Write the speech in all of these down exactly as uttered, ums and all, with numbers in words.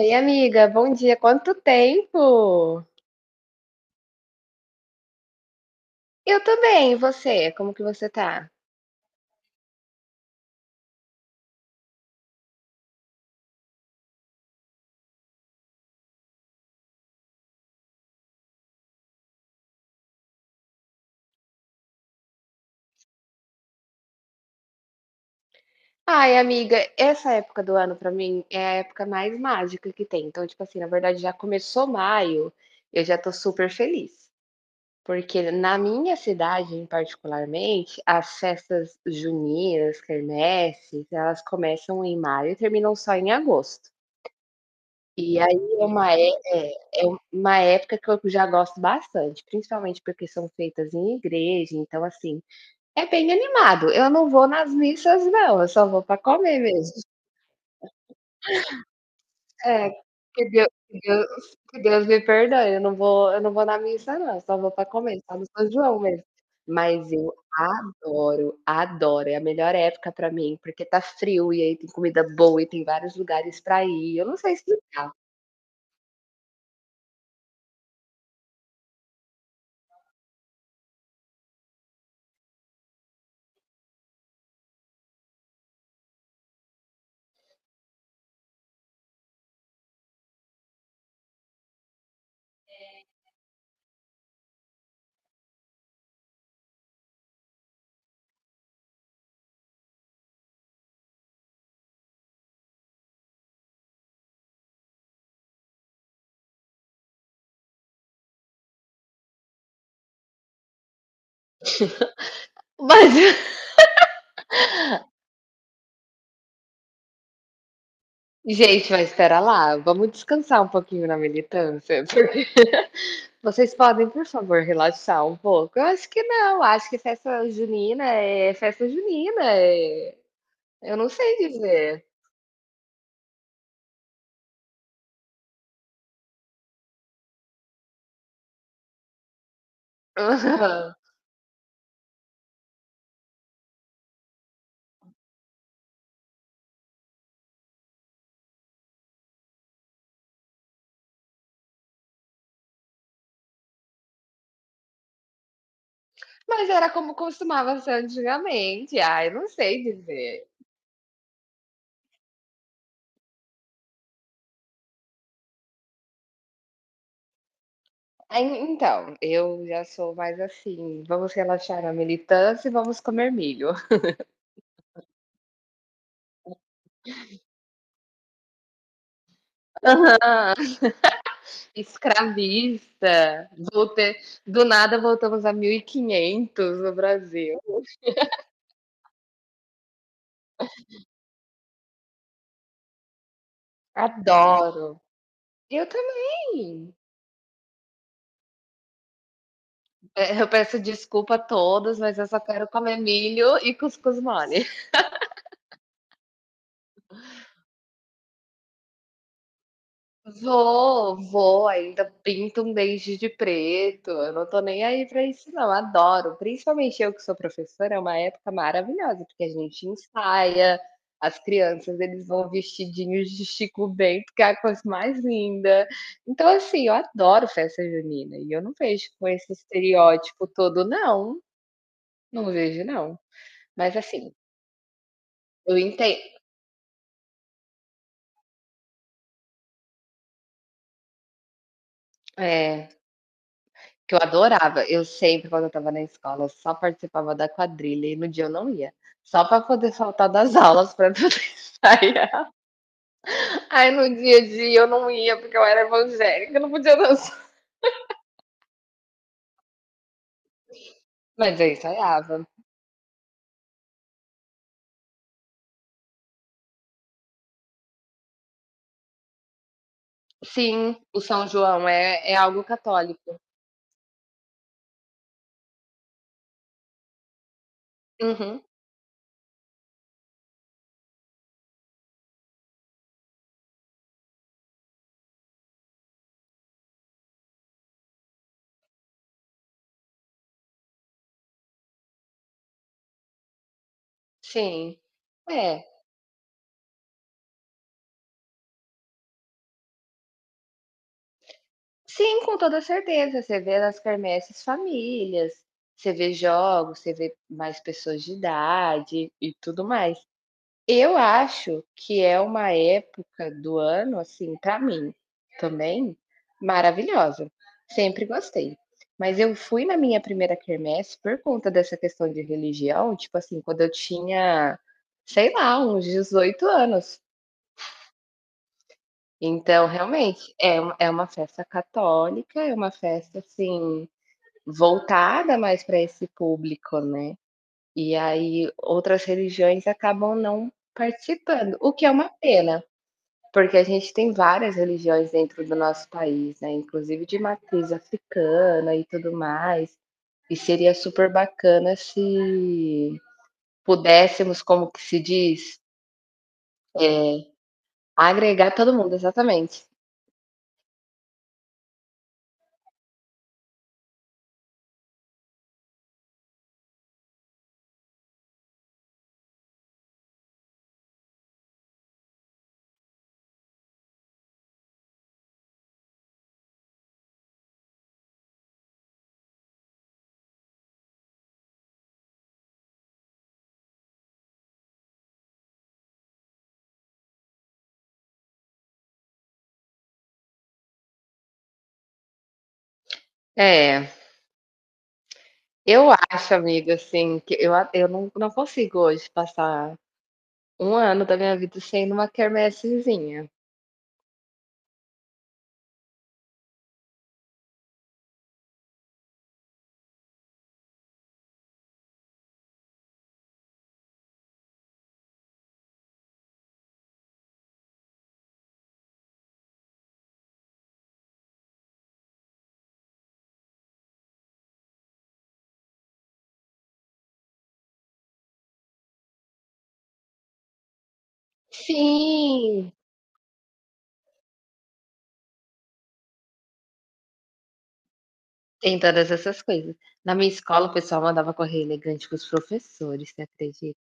Oi, amiga, bom dia. Quanto tempo? Eu também, e você? Como que você tá? Ai, amiga, essa época do ano pra mim é a época mais mágica que tem. Então, tipo assim, na verdade já começou maio, eu já tô super feliz. Porque na minha cidade, em particularmente, as festas juninas, quermesses, elas começam em maio e terminam só em agosto. E aí é uma é é é um, uma época que eu já gosto bastante, principalmente porque são feitas em igreja, então assim, é bem animado. Eu não vou nas missas não, eu só vou para comer mesmo. É, que Deu que Deus que Deus me perdoe, eu não vou eu não vou na missa não, eu só vou para comer, só no São João mesmo. Mas eu adoro, adoro, é a melhor época para mim, porque tá frio e aí tem comida boa e tem vários lugares para ir, eu não sei se mas gente, mas espera lá, vamos descansar um pouquinho na militância, porque vocês podem, por favor, relaxar um pouco? Eu acho que não, acho que festa junina é festa junina, é eu não sei dizer. Mas era como costumava ser antigamente. Ah, eu não sei dizer. Ah, en- então, eu já sou mais assim, vamos relaxar na militância e vamos comer milho. Escravista, volte- do nada voltamos a mil e quinhentos no Brasil. Adoro. Eu também. Eh, eu peço desculpa a todos, mas eu só quero comer milho e cuscuz mole. Vou, vou, ainda pinto um dente de preto, eu não tô nem aí pra isso não, adoro. Principalmente eu que sou professora, é uma época maravilhosa, porque a gente ensaia, as crianças, eles vão vestidinhos de Chico Bento, que é a coisa mais linda. Então, assim, eu adoro festa junina e eu não vejo com esse estereótipo todo não, não vejo não. Mas assim, eu entendo é, que eu adorava, eu sempre quando eu estava na escola eu só participava da quadrilha e no dia eu não ia, só para poder faltar das aulas para poder ensaiar. Aí no dia a dia eu não ia porque eu era evangélica, eu não podia dançar, mas eu ensaiava. Sim, o São João é é algo católico. Uhum, sim. É, sim, com toda certeza, você vê nas quermesses famílias, você vê jogos, você vê mais pessoas de idade e tudo mais. Eu acho que é uma época do ano, assim, pra mim também, maravilhosa. Sempre gostei. Mas eu fui na minha primeira quermesse por conta dessa questão de religião, tipo assim, quando eu tinha, sei lá, uns dezoito anos. Então, realmente, é uma é uma festa católica, é uma festa, assim, voltada mais para esse público, né. E aí outras religiões acabam não participando, o que é uma pena, porque a gente tem várias religiões dentro do nosso país, né, inclusive de matriz africana e tudo mais, e seria super bacana se pudéssemos, como que se diz? Eh, Agregar todo mundo, exatamente. É, eu acho, amiga, assim, que eu a eu não não consigo hoje passar um ano da minha vida sem ir em uma quermessezinha. Sim, tem todas essas coisas. Na minha escola o pessoal mandava correr elegante com os professores, você acredita?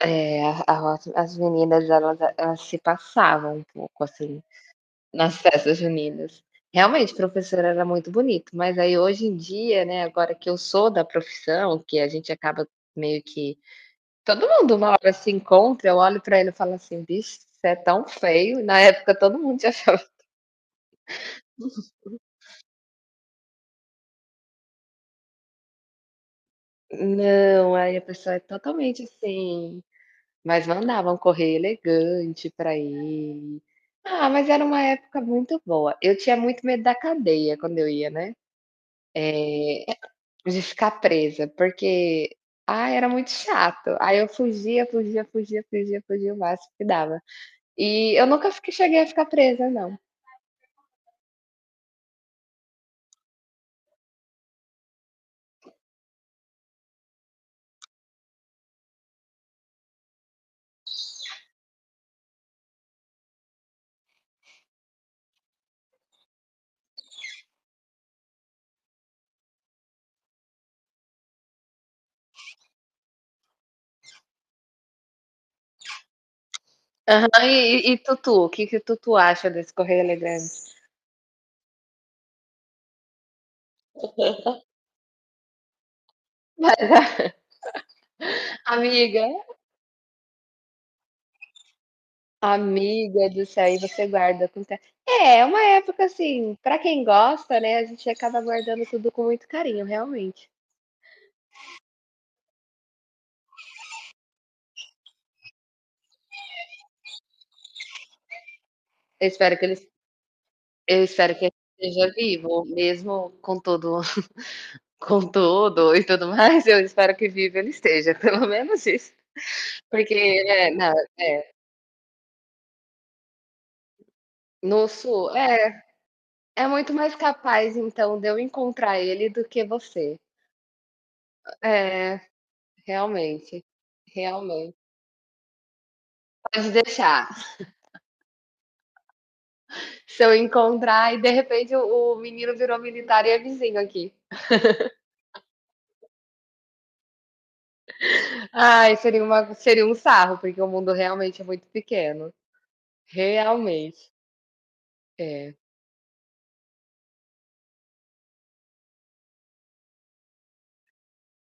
É, a a as as meninas elas elas se passavam um pouco, assim, nas festas juninas. Realmente, professor era muito bonito, mas aí hoje em dia, né, agora que eu sou da profissão, que a gente acaba meio que todo mundo uma hora se encontra, eu olho pra ele e falo assim: "Bicho, você é tão feio", na época todo mundo te achava não, aí a pessoa é totalmente assim. Mas mandavam correr elegante pra ir. Ah, mas era uma época muito boa. Eu tinha muito medo da cadeia quando eu ia, né, de ficar presa, porque, ah, era muito chato. Aí eu fugia, fugia, fugia, fugia, fugia o máximo que dava. E eu nunca fiquei cheguei a ficar presa não. Aham. E e e tutu, o que que o tutu acha desse correr elegante? Mas, amiga, amiga do céu, e você guarda com ca é, é uma época assim, pra quem gosta, né, a gente acaba guardando tudo com muito carinho, realmente. Eu espero que eles eu espero que ele esteja vivo, mesmo com todo com tudo e tudo mais, eu espero que vivo ele esteja, pelo menos isso. Porque, né, na no sul é, é muito mais capaz, então, de eu encontrar ele do que você. É, realmente, realmente. Pode deixar. Se eu encontrar e de repente o, o menino virou militar e é vizinho aqui. Ai, seria, uma, seria um sarro, porque o mundo realmente é muito pequeno. Realmente. É.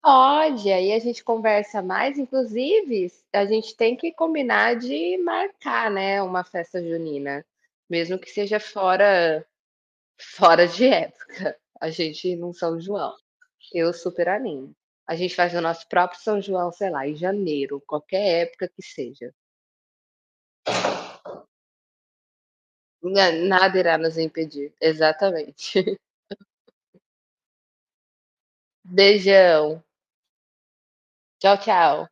Pode, aí a gente conversa mais, inclusive, a gente tem que combinar de marcar, né, uma festa junina, mesmo que seja fora fora de época. A gente não São João. Eu super animo. A gente faz o nosso próprio São João, sei lá, em janeiro, qualquer época que seja. Nada irá nos impedir. Exatamente. Beijão. Tchau, tchau.